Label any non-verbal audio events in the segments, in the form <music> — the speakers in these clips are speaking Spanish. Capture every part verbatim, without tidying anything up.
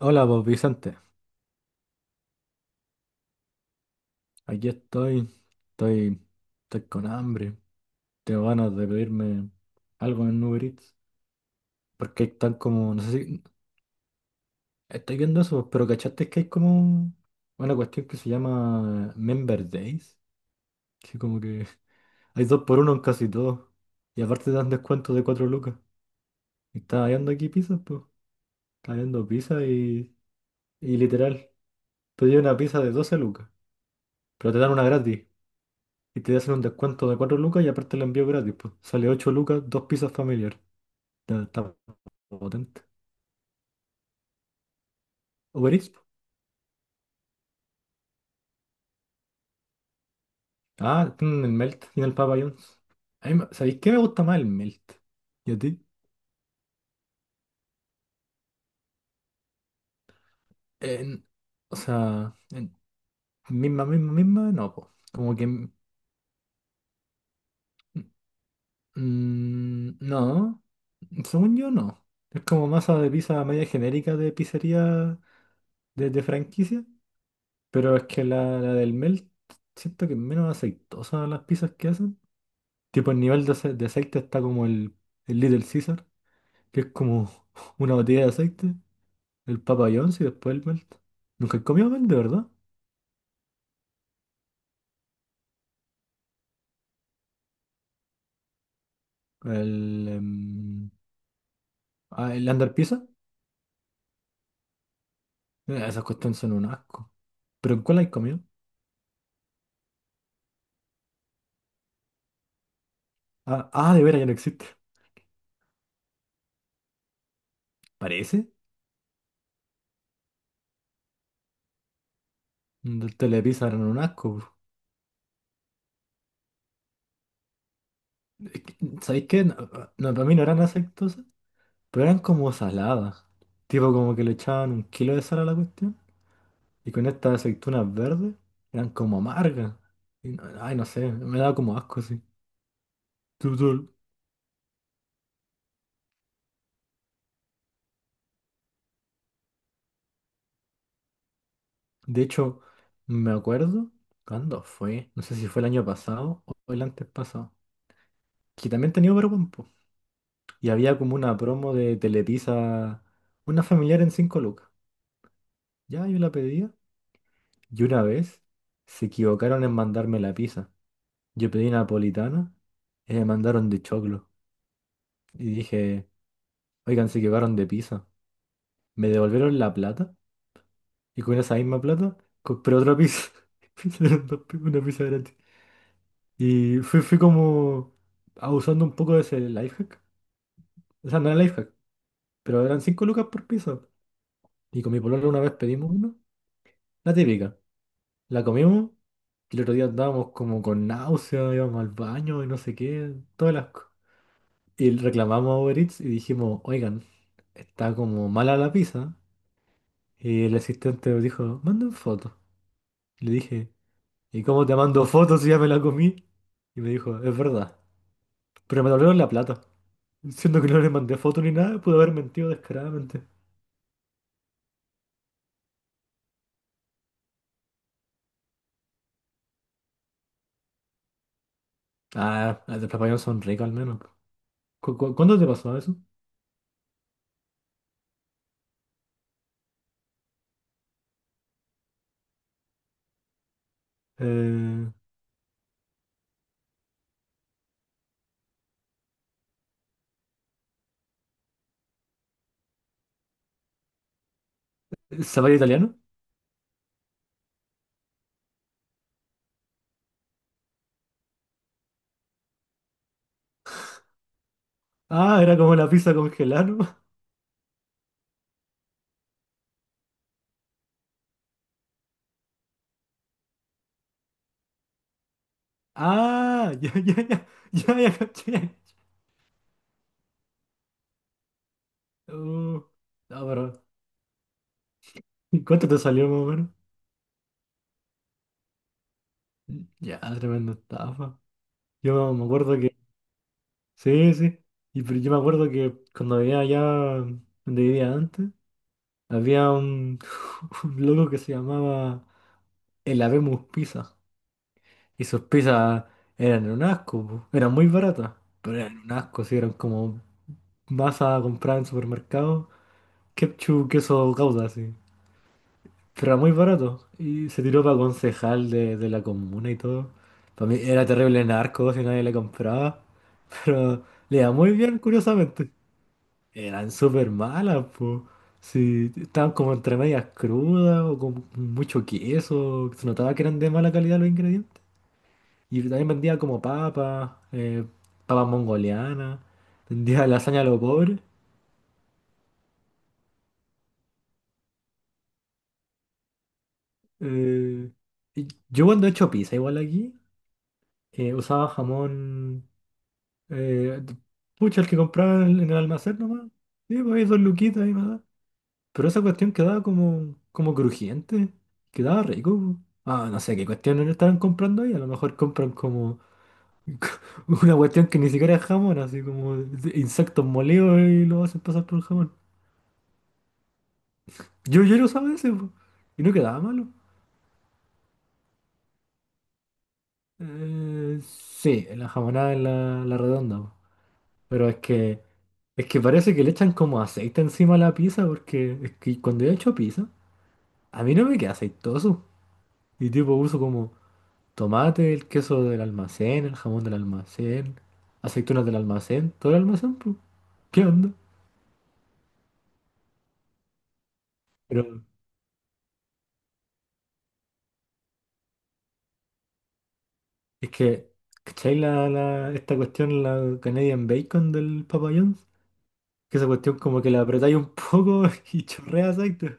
Hola, vos Vicente. Aquí estoy. Estoy, estoy con hambre. Tengo ganas de pedirme algo en Uber Eats. Porque están como. No sé si. Estoy viendo eso, pero ¿cachaste que hay como una cuestión que se llama Member Days? Que como que <laughs> hay dos por uno en casi todo. Y aparte te dan descuento de cuatro lucas. Y estaba viendo aquí pizzas, pues. Estaba viendo pizza y, y literal. Pedí una pizza de doce lucas. Pero te dan una gratis. Y te hacen un descuento de cuatro lucas y aparte el envío gratis, pues. Sale ocho lucas, dos pizzas familiares. Está, está potente. Uber Eats, po. Ah, tienen el Melt y el Papa John's. A mí me- ¿Sabéis qué me gusta más el Melt? ¿Y a ti? En- o sea, en- misma, misma, misma, no, pues. Como que... Mm, no, según yo no. Es como masa de pizza media genérica de pizzería de, de franquicia. Pero es que la, la del Melt, siento que es menos aceitosa las pizzas que hacen. Tipo, el nivel de, ace- de aceite está como el, el Little Caesar, que es como <laughs> una botella de aceite, el Papa John's y después el Melt. Nunca he comido Melt, de verdad. El, em, ah, el Under Pizza. Eh, Esas cuestiones son un asco. ¿Pero en cuál hay comido? Ah, ah, de veras ya no existe. Parece. Del Telepizza eran un asco, bro. Es que, ¿sabéis qué? No, no, no, para mí no eran aceitosas, pero eran como saladas. Tipo, como que le echaban un kilo de sal a la cuestión. Y con estas aceitunas verdes eran como amargas. Y no- ay, no sé, me daba como asco sí Tutul. De hecho, me acuerdo cuándo fue, no sé si fue el año pasado o el antes pasado, que también tenía Uberwin, po. Y había como una promo de Telepizza, una familiar en cinco lucas. Ya yo la pedía. Y una vez se equivocaron en mandarme la pizza. Yo pedí napolitana y me mandaron de choclo. Y dije, oigan, se equivocaron de pizza. Me devolvieron la plata. Y con esa misma plata compré otra pizza. <laughs> Me dos pi- Una pizza gratis. Y fui, fui como abusando un poco de ese lifehack, hack. O sea, no era life, pero eran cinco lucas por pizza. Y con mi polola una vez pedimos una, la típica. La comimos y el otro día andábamos como con náusea, íbamos al baño y no sé qué, todo el asco. Y reclamamos a Uber Eats y dijimos, oigan, está como mala la pizza. Y el asistente dijo, manden fotos. Y le dije, ¿y cómo te mando fotos si ya me la comí? Y me dijo, es verdad, pero me devolvieron la plata. Siendo que no le mandé fotos ni nada, pude haber mentido descaradamente. Ah, las del Papayón son ricas al menos. ¿Cu cu- cuándo te pasó eso? Eh, ¿Zapallo italiano? Ah, era como la pizza congelada, ¿no? <laughs> Ah, ya, ya, ya, ya, ya, caché. Uh, no, pero ¿y cuánto te salió más o menos? Ya, tremenda estafa. Yo me acuerdo que... Sí, sí. Y pero yo me acuerdo que cuando vivía allá donde vivía antes, había un, <laughs> un loco que se llamaba el Habemus Pizza. Y sus pizzas eran un asco, po. Eran muy baratas, pero eran un asco, sí, eran como masa comprada en supermercado, ketchup, queso gouda, así. Pero era muy barato. Y se tiró para concejal de, de la comuna y todo. Para mí era terrible narco si nadie le compraba. <laughs> Pero le iba muy bien, curiosamente. Eran súper malas, pues. Sí, estaban como entre medias crudas o con mucho queso. Se notaba que eran de mala calidad los ingredientes. Y también vendía como papas, eh, papas mongolianas. Vendía lasaña a los pobres. Eh, y yo cuando he hecho pizza igual aquí, eh, usaba jamón... Eh, Pucha, el que compraba en en el almacén nomás. Sí, pues ahí dos luquitas ahí me. Pero esa cuestión quedaba como, como crujiente, quedaba rico, po. Ah, no sé qué cuestiones le estarán comprando ahí. A lo mejor compran como <laughs> una cuestión que ni siquiera es jamón, así como de- insectos molidos y lo hacen pasar por el jamón. Yo, yo lo usaba ese, po, y no quedaba malo. Eh, sí, la jamonada es la, la redonda, po. Pero es que, es que parece que le echan como aceite encima a la pizza, porque es que cuando yo he hecho pizza, a mí no me queda aceitoso. Y tipo uso como. Tomate, el queso del almacén, el jamón del almacén, aceitunas del almacén, todo el almacén, pues, ¿qué onda? Pero es que, ¿cachai la, la- esta cuestión, la Canadian Bacon del Papa John's? Que esa cuestión como que la apretáis un poco <laughs> y chorrea aceite.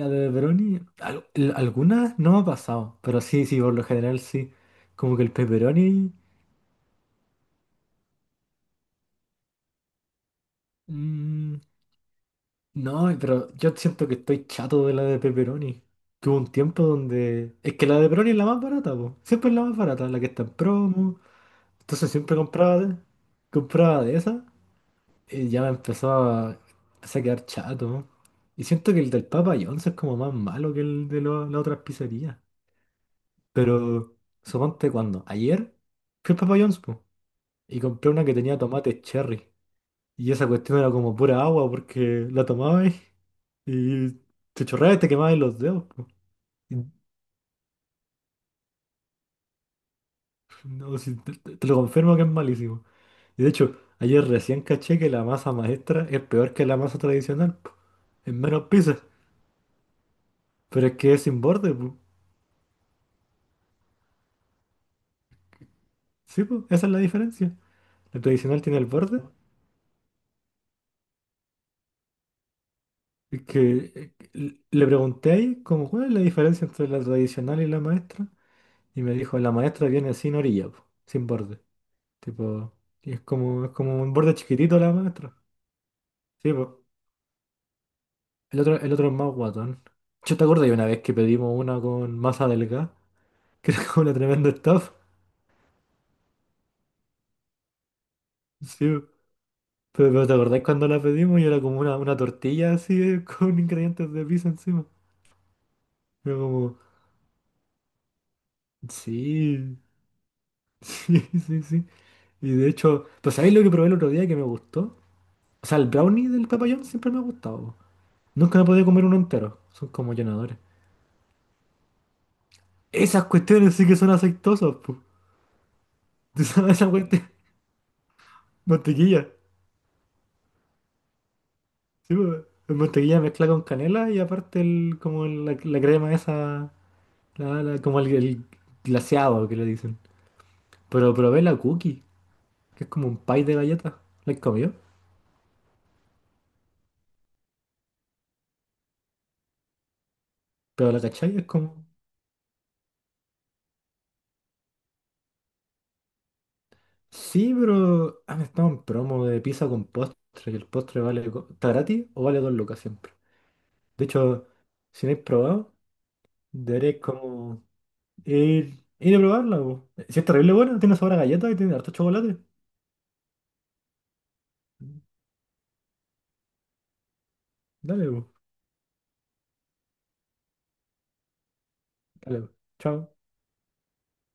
La de pepperoni, al- l- algunas no me ha pasado, pero sí, sí, por lo general sí. Como que el pepperoni. Mm. No, pero yo siento que estoy chato de la de pepperoni. Tuve un tiempo donde... Es que la de pepperoni es la más barata, po. Siempre es la más barata, la que está en promo. Entonces siempre compraba de, compraba de esa. Y ya me empezó a, empecé a quedar chato. Y siento que el del Papa John's es como más malo que el de lo- las otras pizzerías. Pero suponte cuando. Ayer fui al Papa John's, po, y compré una que tenía tomate cherry. Y esa cuestión era como pura agua porque la tomabas y te chorreabas y te quemabas los dedos, po. Y no, si te, te- te lo confirmo que es malísimo. Y de hecho, ayer recién caché que la masa maestra es peor que la masa tradicional, po. Es menos pizza. Pero es que es sin borde, po. Sí, po, esa es la diferencia. La tradicional tiene el borde. Es que eh, l- le pregunté ahí como cuál es la diferencia entre la tradicional y la maestra. Y me dijo, la maestra viene sin orilla, po, sin borde. Tipo, y es como, es como, un borde chiquitito la maestra. Sí, pues. El otro, el otro es más guatón. Yo te acuerdo de una vez que pedimos una con masa delgada, <laughs> que era como una tremenda estafa. Sí, po, pero, pero ¿te acordás cuando la pedimos y era como una, una tortilla así eh, <laughs> con ingredientes de pizza encima? Era como, sí, <laughs> sí, sí, sí. Y de hecho, pues, ¿sabéis lo que probé el otro día que me gustó? O sea, el brownie del papayón siempre me ha gustado, po. Nunca me he podido comer uno entero. Son como llenadores. Esas cuestiones sí que son aceitosas, pues. ¿Tú sabes esa vuelta? Mantequilla. Sí, pues, es mantequilla mezclada con canela y aparte el, como el- la, la crema esa, la- la- como el, el glaseado que le dicen. Pero probé la cookie, que es como un pie de galleta. ¿La he comido? Pero la cachai es como... Sí, pero han estado en promo de pizza con postre y el postre vale... co- ¿Está gratis o vale dos lucas siempre? De hecho, si no habéis probado, deberéis como ir, ir a probarla, po. Si es terrible buena, tiene sabor a galleta y tiene harto chocolate. Dale, bu, dale, bu. Chao.